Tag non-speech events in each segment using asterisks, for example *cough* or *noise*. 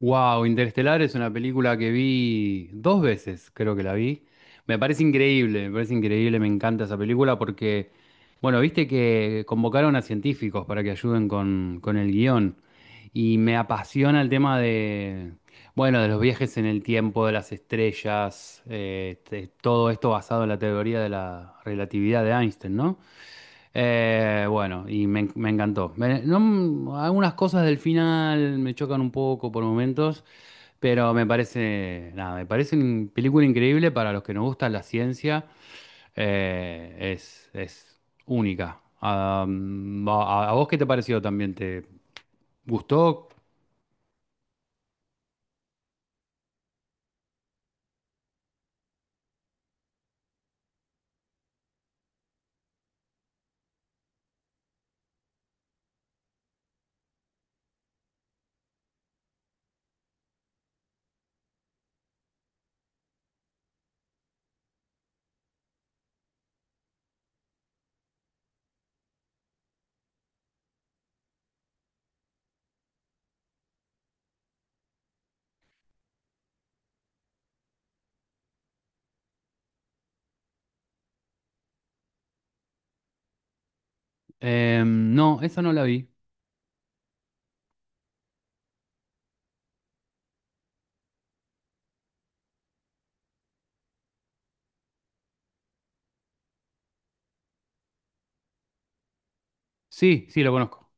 Wow, Interestelar es una película que vi dos veces, creo que la vi. Me parece increíble, me parece increíble, me encanta esa película porque, bueno, viste que convocaron a científicos para que ayuden con el guión. Y me apasiona el tema de, bueno, de los viajes en el tiempo, de las estrellas, todo esto basado en la teoría de la relatividad de Einstein, ¿no? Bueno, y me encantó. Algunas cosas del final me chocan un poco por momentos, pero me parece, nada, me parece una película increíble para los que nos gusta la ciencia. Es única. A vos qué te pareció también? ¿Te gustó? No, esa no la vi. Sí, sí, lo conozco.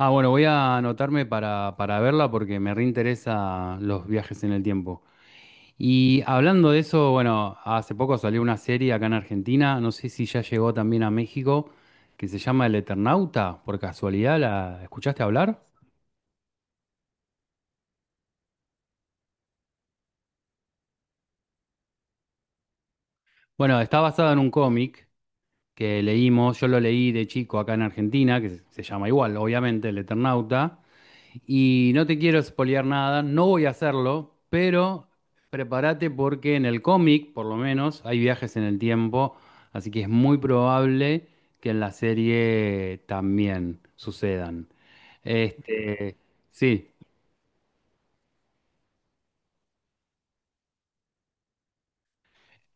Ah, bueno, voy a anotarme para verla porque me reinteresa los viajes en el tiempo. Y hablando de eso, bueno, hace poco salió una serie acá en Argentina, no sé si ya llegó también a México, que se llama El Eternauta. Por casualidad, ¿la escuchaste hablar? Bueno, está basada en un cómic que leímos, yo lo leí de chico acá en Argentina, que se llama igual, obviamente, El Eternauta. Y no te quiero espolear nada, no voy a hacerlo, pero prepárate porque en el cómic, por lo menos, hay viajes en el tiempo, así que es muy probable que en la serie también sucedan. Este, sí.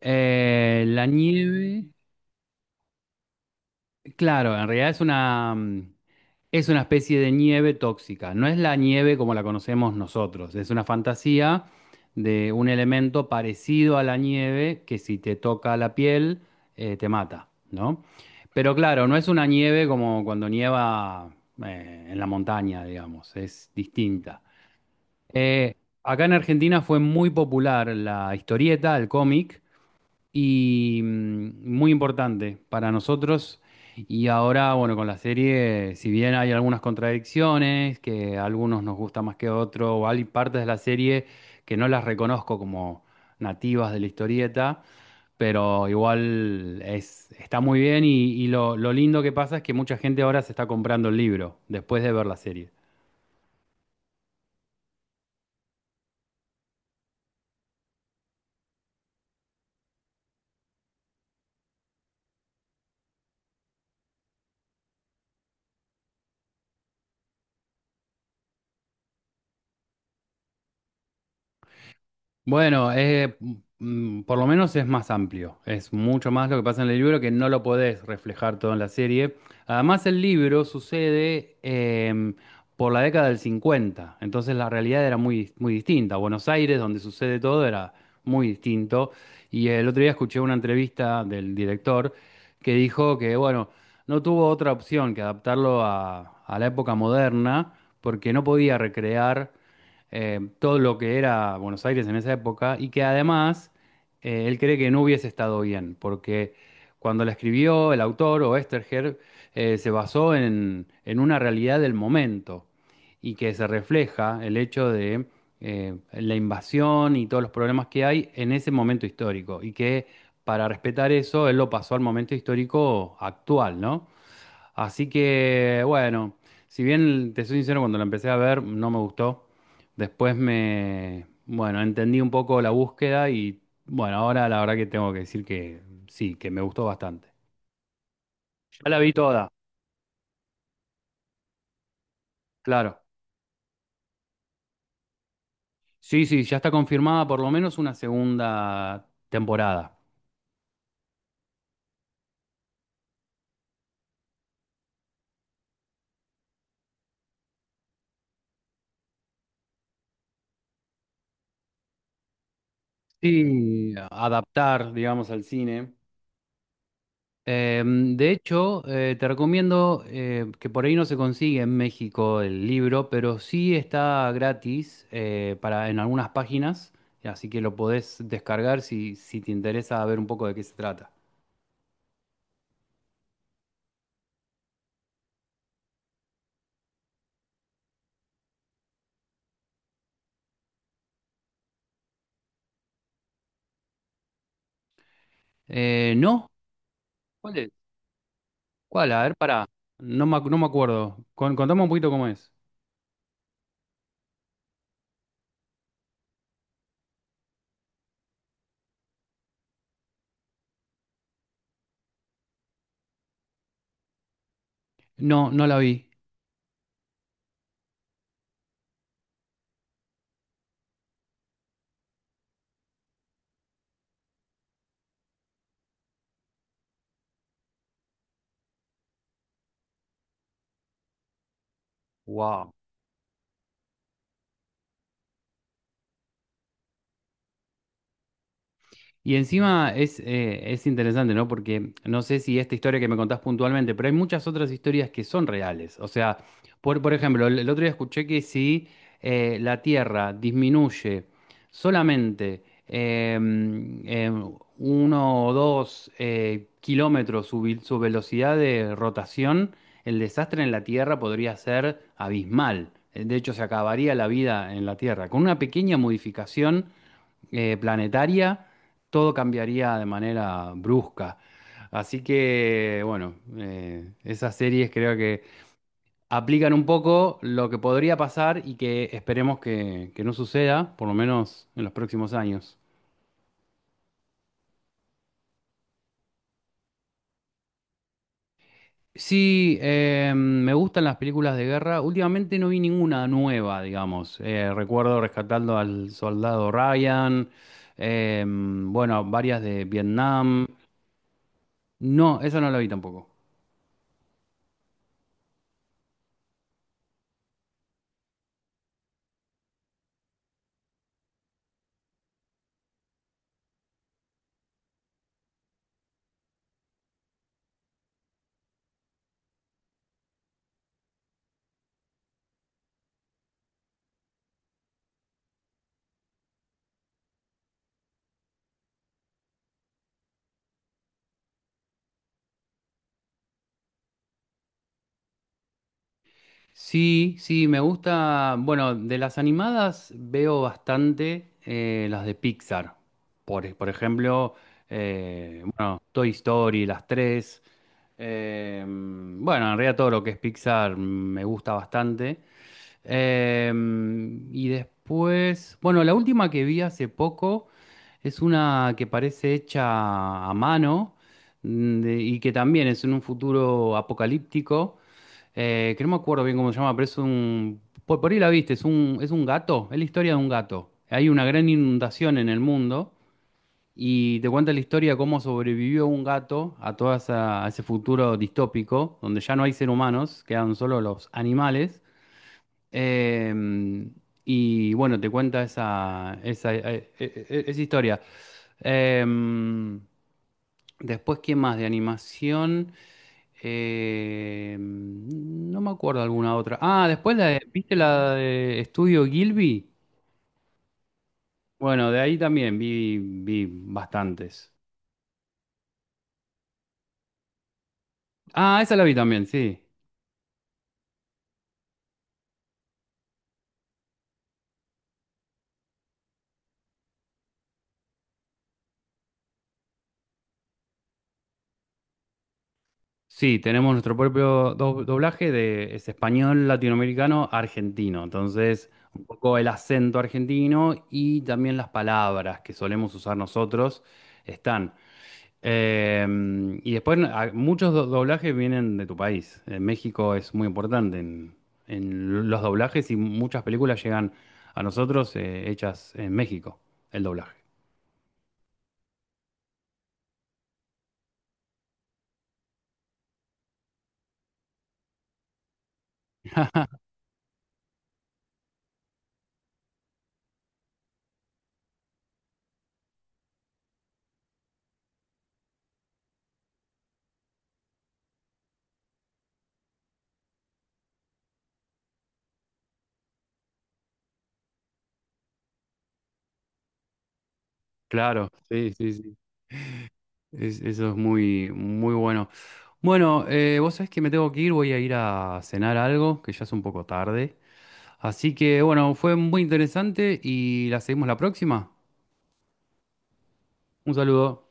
La nieve, claro, en realidad es una, es una especie de nieve tóxica, no es la nieve como la conocemos nosotros, es una fantasía de un elemento parecido a la nieve que si te toca la piel te mata, ¿no? Pero claro, no es una nieve como cuando nieva en la montaña, digamos, es distinta. Eh, Acá en Argentina fue muy popular la historieta, el cómic, y muy importante para nosotros. Y ahora, bueno, con la serie, si bien hay algunas contradicciones, que a algunos nos gusta más que otros, o hay partes de la serie que no las reconozco como nativas de la historieta, pero igual es, está muy bien y lo lindo que pasa es que mucha gente ahora se está comprando el libro después de ver la serie. Bueno, por lo menos es más amplio, es mucho más lo que pasa en el libro que no lo podés reflejar todo en la serie. Además, el libro sucede por la década del 50, entonces la realidad era muy, muy distinta. Buenos Aires, donde sucede todo, era muy distinto. Y el otro día escuché una entrevista del director que dijo que, bueno, no tuvo otra opción que adaptarlo a la época moderna porque no podía recrear todo lo que era Buenos Aires en esa época y que además él cree que no hubiese estado bien, porque cuando la escribió el autor o Esterger se basó en una realidad del momento y que se refleja el hecho de la invasión y todos los problemas que hay en ese momento histórico y que para respetar eso él lo pasó al momento histórico actual, ¿no? Así que, bueno, si bien te soy sincero, cuando la empecé a ver no me gustó. Después bueno, entendí un poco la búsqueda y bueno, ahora la verdad que tengo que decir que sí, que me gustó bastante. Ya la vi toda, claro. Sí, sí, ya está confirmada por lo menos una segunda temporada. Sí, adaptar, digamos, al cine. De hecho, te recomiendo que por ahí no se consigue en México el libro, pero sí está gratis en algunas páginas, así que lo podés descargar si te interesa ver un poco de qué se trata. ¿No? ¿Cuál es? ¿Cuál? A ver, pará. No me acuerdo. Contame un poquito cómo es. No, no la vi. Wow. Y encima es interesante, ¿no? Porque no sé si esta historia que me contás puntualmente, pero hay muchas otras historias que son reales. O sea, por ejemplo, el otro día escuché que si la Tierra disminuye solamente eh, eh, 1 o 2 kilómetros su velocidad de rotación, el desastre en la Tierra podría ser abismal. De hecho, se acabaría la vida en la Tierra. Con una pequeña modificación planetaria, todo cambiaría de manera brusca. Así que, bueno, esas series creo que aplican un poco lo que podría pasar y que esperemos que no suceda, por lo menos en los próximos años. Sí, me gustan las películas de guerra. Últimamente no vi ninguna nueva, digamos. Recuerdo Rescatando al Soldado Ryan, bueno, varias de Vietnam. No, eso no lo vi tampoco. Sí, sí, me gusta. Bueno, de las animadas veo bastante las de Pixar. Por ejemplo, bueno, Toy Story, las tres. Bueno, en realidad todo lo que es Pixar me gusta bastante. Eh, y después, bueno, la última que vi hace poco es una que parece hecha a mano y que también es en un futuro apocalíptico que no me acuerdo bien cómo se llama, pero es un... Por ahí la viste, es un, gato, es la historia de un gato. Hay una gran inundación en el mundo y te cuenta la historia de cómo sobrevivió un gato a a ese futuro distópico, donde ya no hay seres humanos, quedan solo los animales. Em, y bueno, te cuenta esa historia. Em, Después, ¿qué más de animación? No me acuerdo alguna otra. Ah, después ¿viste la de Estudio Gilby? Bueno, de ahí también vi bastantes. Ah, esa la vi también, sí. Sí, tenemos nuestro propio doblaje de es español latinoamericano argentino. Entonces, un poco el acento argentino y también las palabras que solemos usar nosotros están. Eh, y después muchos doblajes vienen de tu país. México es muy importante en los doblajes y muchas películas llegan a nosotros hechas en México, el doblaje. *laughs* Claro, sí, sí, sí. Eso es muy, muy bueno. Bueno, vos sabés que me tengo que ir, voy a ir a cenar algo, que ya es un poco tarde. Así que bueno, fue muy interesante y la seguimos la próxima. Un saludo.